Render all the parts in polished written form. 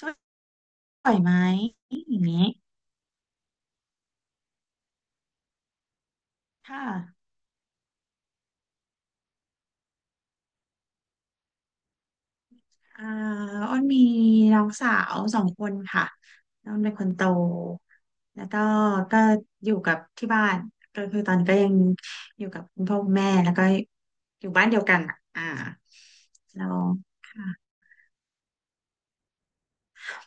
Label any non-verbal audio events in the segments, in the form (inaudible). ช่วยไหมอย่างนี้ค่ะอ่าอ้นมีน้องสาว2 คนค่ะน้องเป็นคนโตแล้วก็อยู่กับที่บ้านก็คือตอนนี้ก็ยังอยู่กับคุณพ่อคุณแม่แล้วก็อยู่บ้านเดียวกันอะเราค่ะ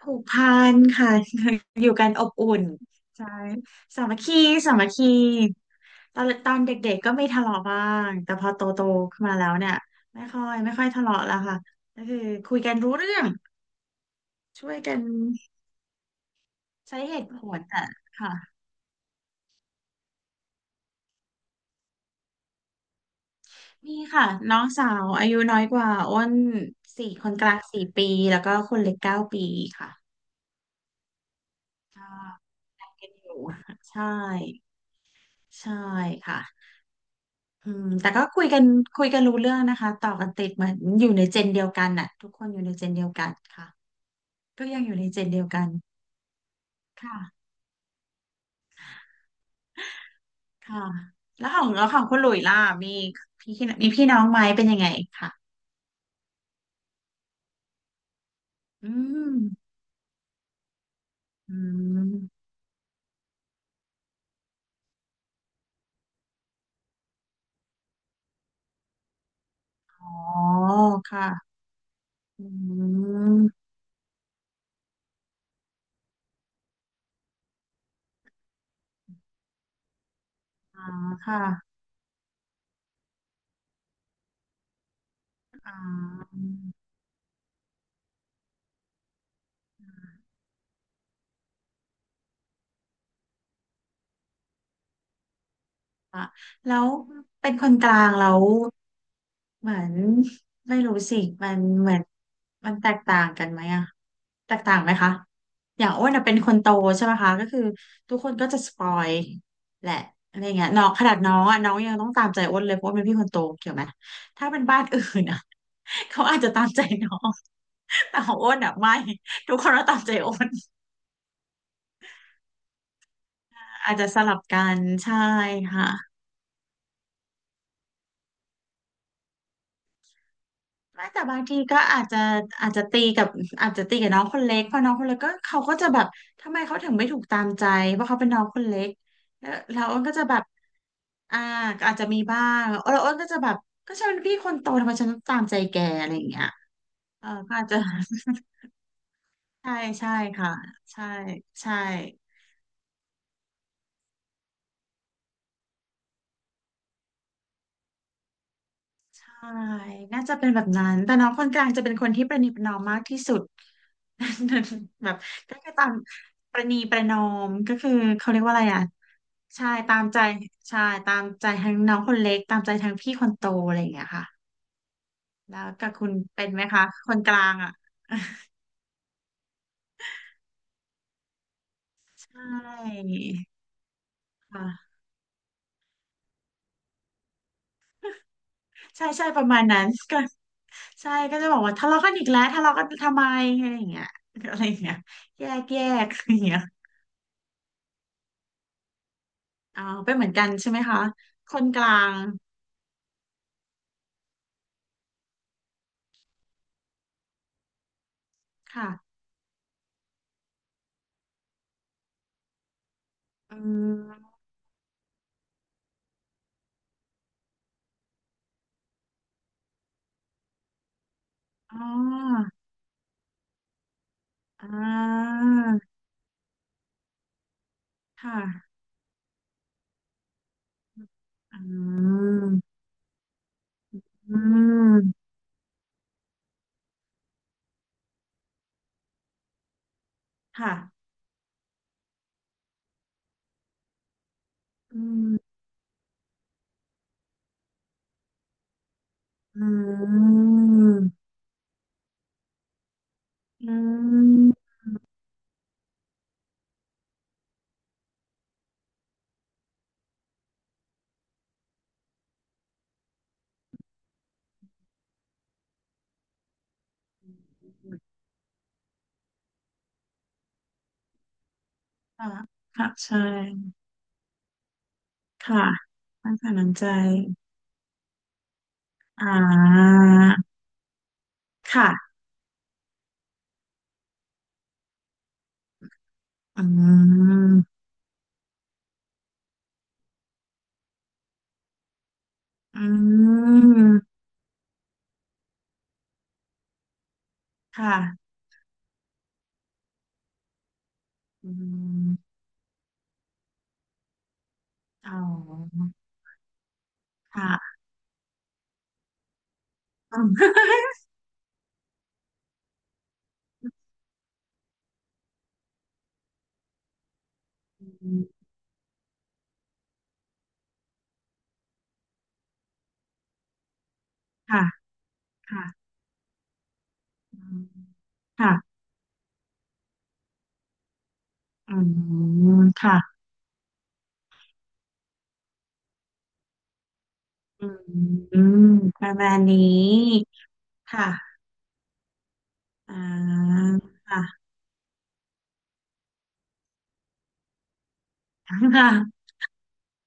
ผูกพันค่ะ (laughs) อยู่กันอบอุ่นใช่สามัคคีสามัคคีตอนเด็กๆก็ไม่ทะเลาะบ้างแต่พอโตๆขึ้นมาแล้วเนี่ยไม่ค่อยทะเลาะแล้วค่ะก็คือคุยกันรู้เรื่องช่วยกันใช้เหตุผลอ่ะค่ะมีค่ะน้องสาวอายุน้อยกว่าอ้นสี่คนกลาง4 ปีแล้วก็คนเล็ก9 ปีค่ะก็กันอยู่ (laughs) ใช่ใช่ค่ะ แต่ก็คุยกันรู้เรื่องนะคะต่อกันติดเหมือนอยู่ในเจนเดียวกันน่ะทุกคนอยู่ในเจนเดียวกันค่ะทุกอย่างอยู่ในเจนเดียวกันค่ะค่ะแล้วของคุณหลุยล่ะมีพี่มีพี่น้องไหมเป็นยังไงค่ะอืมอืมอ๋อค่ะอืมอ๋อค่ะอ๋อ อ่ะแล้วเป็นคนกลางแล้วเหมือนไม่รู้สิมันเหมือนมันแตกต่างกันไหมอะแตกต่างไหมคะอย่างอ้วนอะเป็นคนโตใช่ไหมคะก็คือทุกคนก็จะสปอยแหละอะไรเงี้ยน้องขนาดน้องอะน้องยังต้องตามใจอ้วนเลยเพราะว่าเป็นพี่คนโตเกี่ยวไหมถ้าเป็นบ้านอื่นอะ (laughs) เขาอาจจะตามใจน้องแต่ของอ้วนอะไม่ทุกคนก็ตามใจอ้วนอาจจะสลับกันใช่ค่ะ ไม่แต่บางทีก็อาจจะอาจจะตีกับอาจจะตีกับน้องคนเล็กเพราะน้องคนเล็กก็เขาก็จะแบบทำไมเขาถึงไม่ถูกตามใจเพราะเขาเป็นน้องคนเล็กแล้วอ้นก็จะแบบอ่าก็อาจจะมีบ้างแล้วอ้นก็จะแบบก็ฉันเป็นพี่คนโตทำไมฉันต้องตามใจแกอะไรอย่างเงี้ยก็อาจจะ (laughs) ใช่ใช่ค่ะใช่ใช่ ใช่น่าจะเป็นแบบนั้นแต่น้องคนกลางจะเป็นคนที่ประนีประนอมมากที่สุด (laughs) แบบก็คือตามประนีประนอมก็คือเขาเรียกว่าอะไรอ่ะใช่ตามใจใช่ตามใจทั้งน้องคนเล็กตามใจทั้งพี่คนโตอะไรอย่างเงี้ยค่ะแล้วกับคุณเป็นไหมคะคนกลางอ่ะใช่ค่ะใช่ใช่ประมาณนั้น (laughs) ก็ใช่ก็จะบอกว่าทะเลาะกันอีกแล้วทะเลาะกันทำไมอะไรอย่างเงี้ยอะไรอย่างเงี้ยแยกแยก (laughs) อะไรอย่างเงี้ย อาเป็นเหมือนกันใช่ไหมคะคนกลางค่ะอืมอ๋ออ่าค่ะอืมอืมค่ะอืมอืมอืมค่ะค่ะใช่ค่ะไม่ผ่านนใจอ่าค่ะอืมอืมค่ะอืมอ๋อค่ะ (laughs) อืมค่ะค่ะ อืมค่ะอืมค่ะอืมประมาณนี้ค่ะอ่าค่ะค่ะ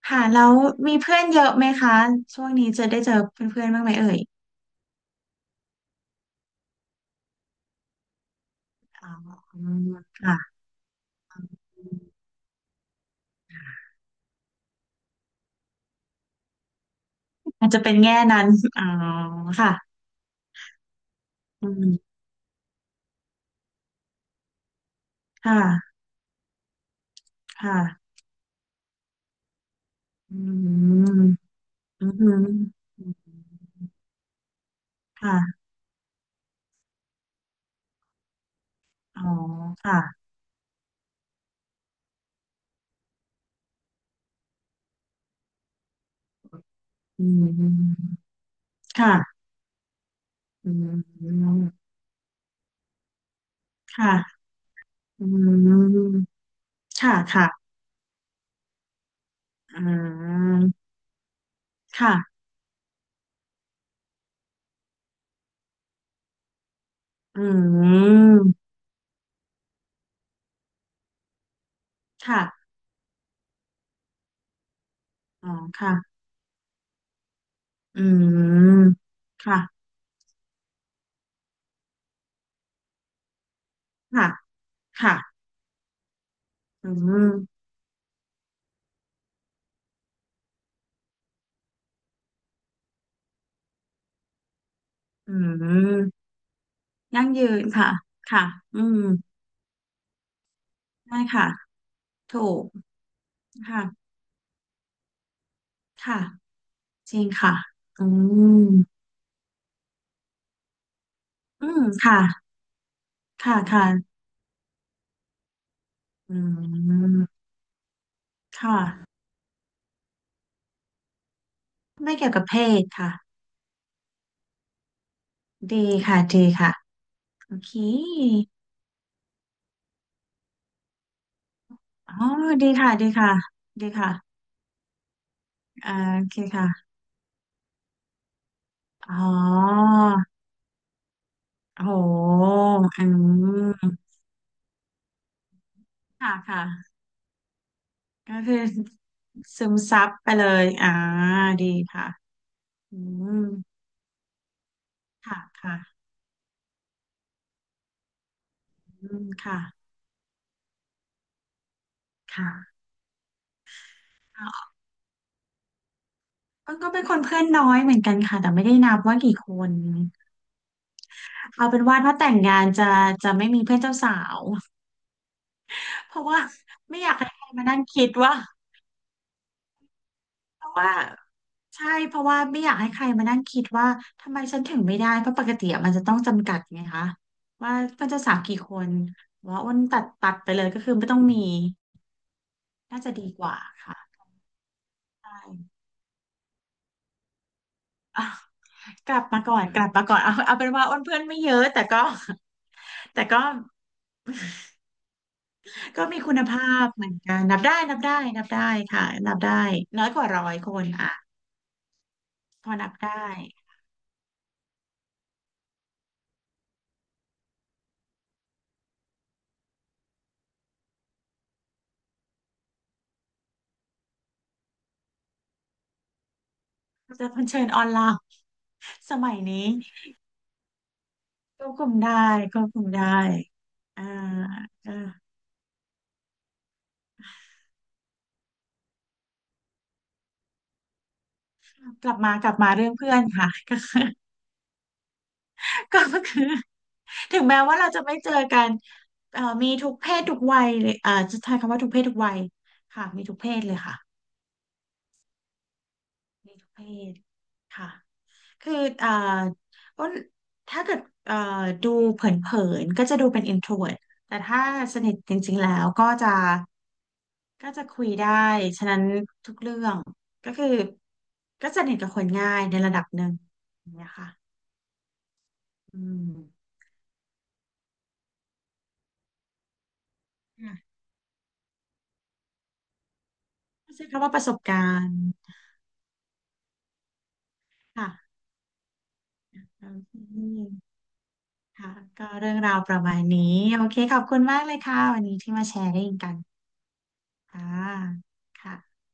ค่ะ แล้วมีเพื่อนเยอะไหมคะ ช่วงนี้จะได้เจอเพื่อนๆบ้างไหมเอ่ยอ๋อค่ะอาจจะเป็นแง่นั้นอ๋อค่ะอืมค่ะค่ะอืมอืมอืมค่ะอ๋อค่ะอืมค่ะอืมค่ะ อืมค่ะค่ะอืมค่ะอืมค่ะอ๋อค่ะอืมค่ะค่ะค่ะอืมอืมยั่งยืนค่ะค่ะอืมได้ค่ะถูกค่ะค่ะจริงค่ะอืมอืมค่ะค่ะค่ะอืมค่ะไม่เกี่ยวกับเพศค่ะดีค่ะดีค่ะโอเคอ๋อดีค่ะดีค่ะดีค่ะ อ่าโอเคค่ะอ๋อโหอืมค่ะค่ะก็คือซึมซับไปเลยอ่าดีค่ะอืมค่ะค่ะอืมค่ะค่ะอ่าก็ก็เป็นคนเพื่อนน้อยเหมือนกันค่ะแต่ไม่ได้นับว่ากี่คนเอาเป็นว่าถ้าแต่งงานจะจะไม่มีเพื่อนเจ้าสาว (laughs) เพราะว่าไม่อยากให้ใครมานั่งคิดว่าเพราะว่า ใช่เพราะว่าไม่อยากให้ใครมานั่งคิดว่าทำไมฉันถึงไม่ได้เพราะปกติอะมันจะต้องจำกัดไงคะว่ามันจะสาวกี่คนว่าอ้นตัดไปเลยก็คือไม่ต้องมีน่าจะดีกว่าค่ะใช่อ่ะกลับมาก่อนเอาเป็นว่าอ้นเพื่อนไม่เยอะแต่ก็แต่ก็ก็มีคุณภาพเหมือนกันนับได้นับได้นับได้ค่ะนับได้น้อยกว่า100 คนอ่ะพอนับได้จะเผชิญออนไลน์สมัยนี้ ควบคุมได้ควบคุมได้อ่าอ่ากลับมาเรื่องเพื่อนค่ะก็ (laughs) ก็คือถึงแม้ว่าเราจะไม่เจอกันมีทุกเพศทุกวัยเลยจะใช้คำว่าทุกเพศทุกวัยค่ะมีทุกเพศเลยค่ะมีทุกเพศค่ะ คืออ่าอ้นถ้าเกิดอ่าดูเผินๆก็จะดูเป็น introvert แต่ถ้าสนิทจริงๆแล้วก็จะก็จะคุยได้ฉะนั้นทุกเรื่องก็คือก็สนิทกับคนง่ายในระดับหนึ่งอย่างเงี้ยค่ะอืมค่ะใช้คำว่าประสบการณ์ค่ะโอเคค่ะก็เรื่องราวประมาณนี้โอเคขอบคุณมากเลยค่ะวันนี้ที่มาแชร์กันค่ะค่ะ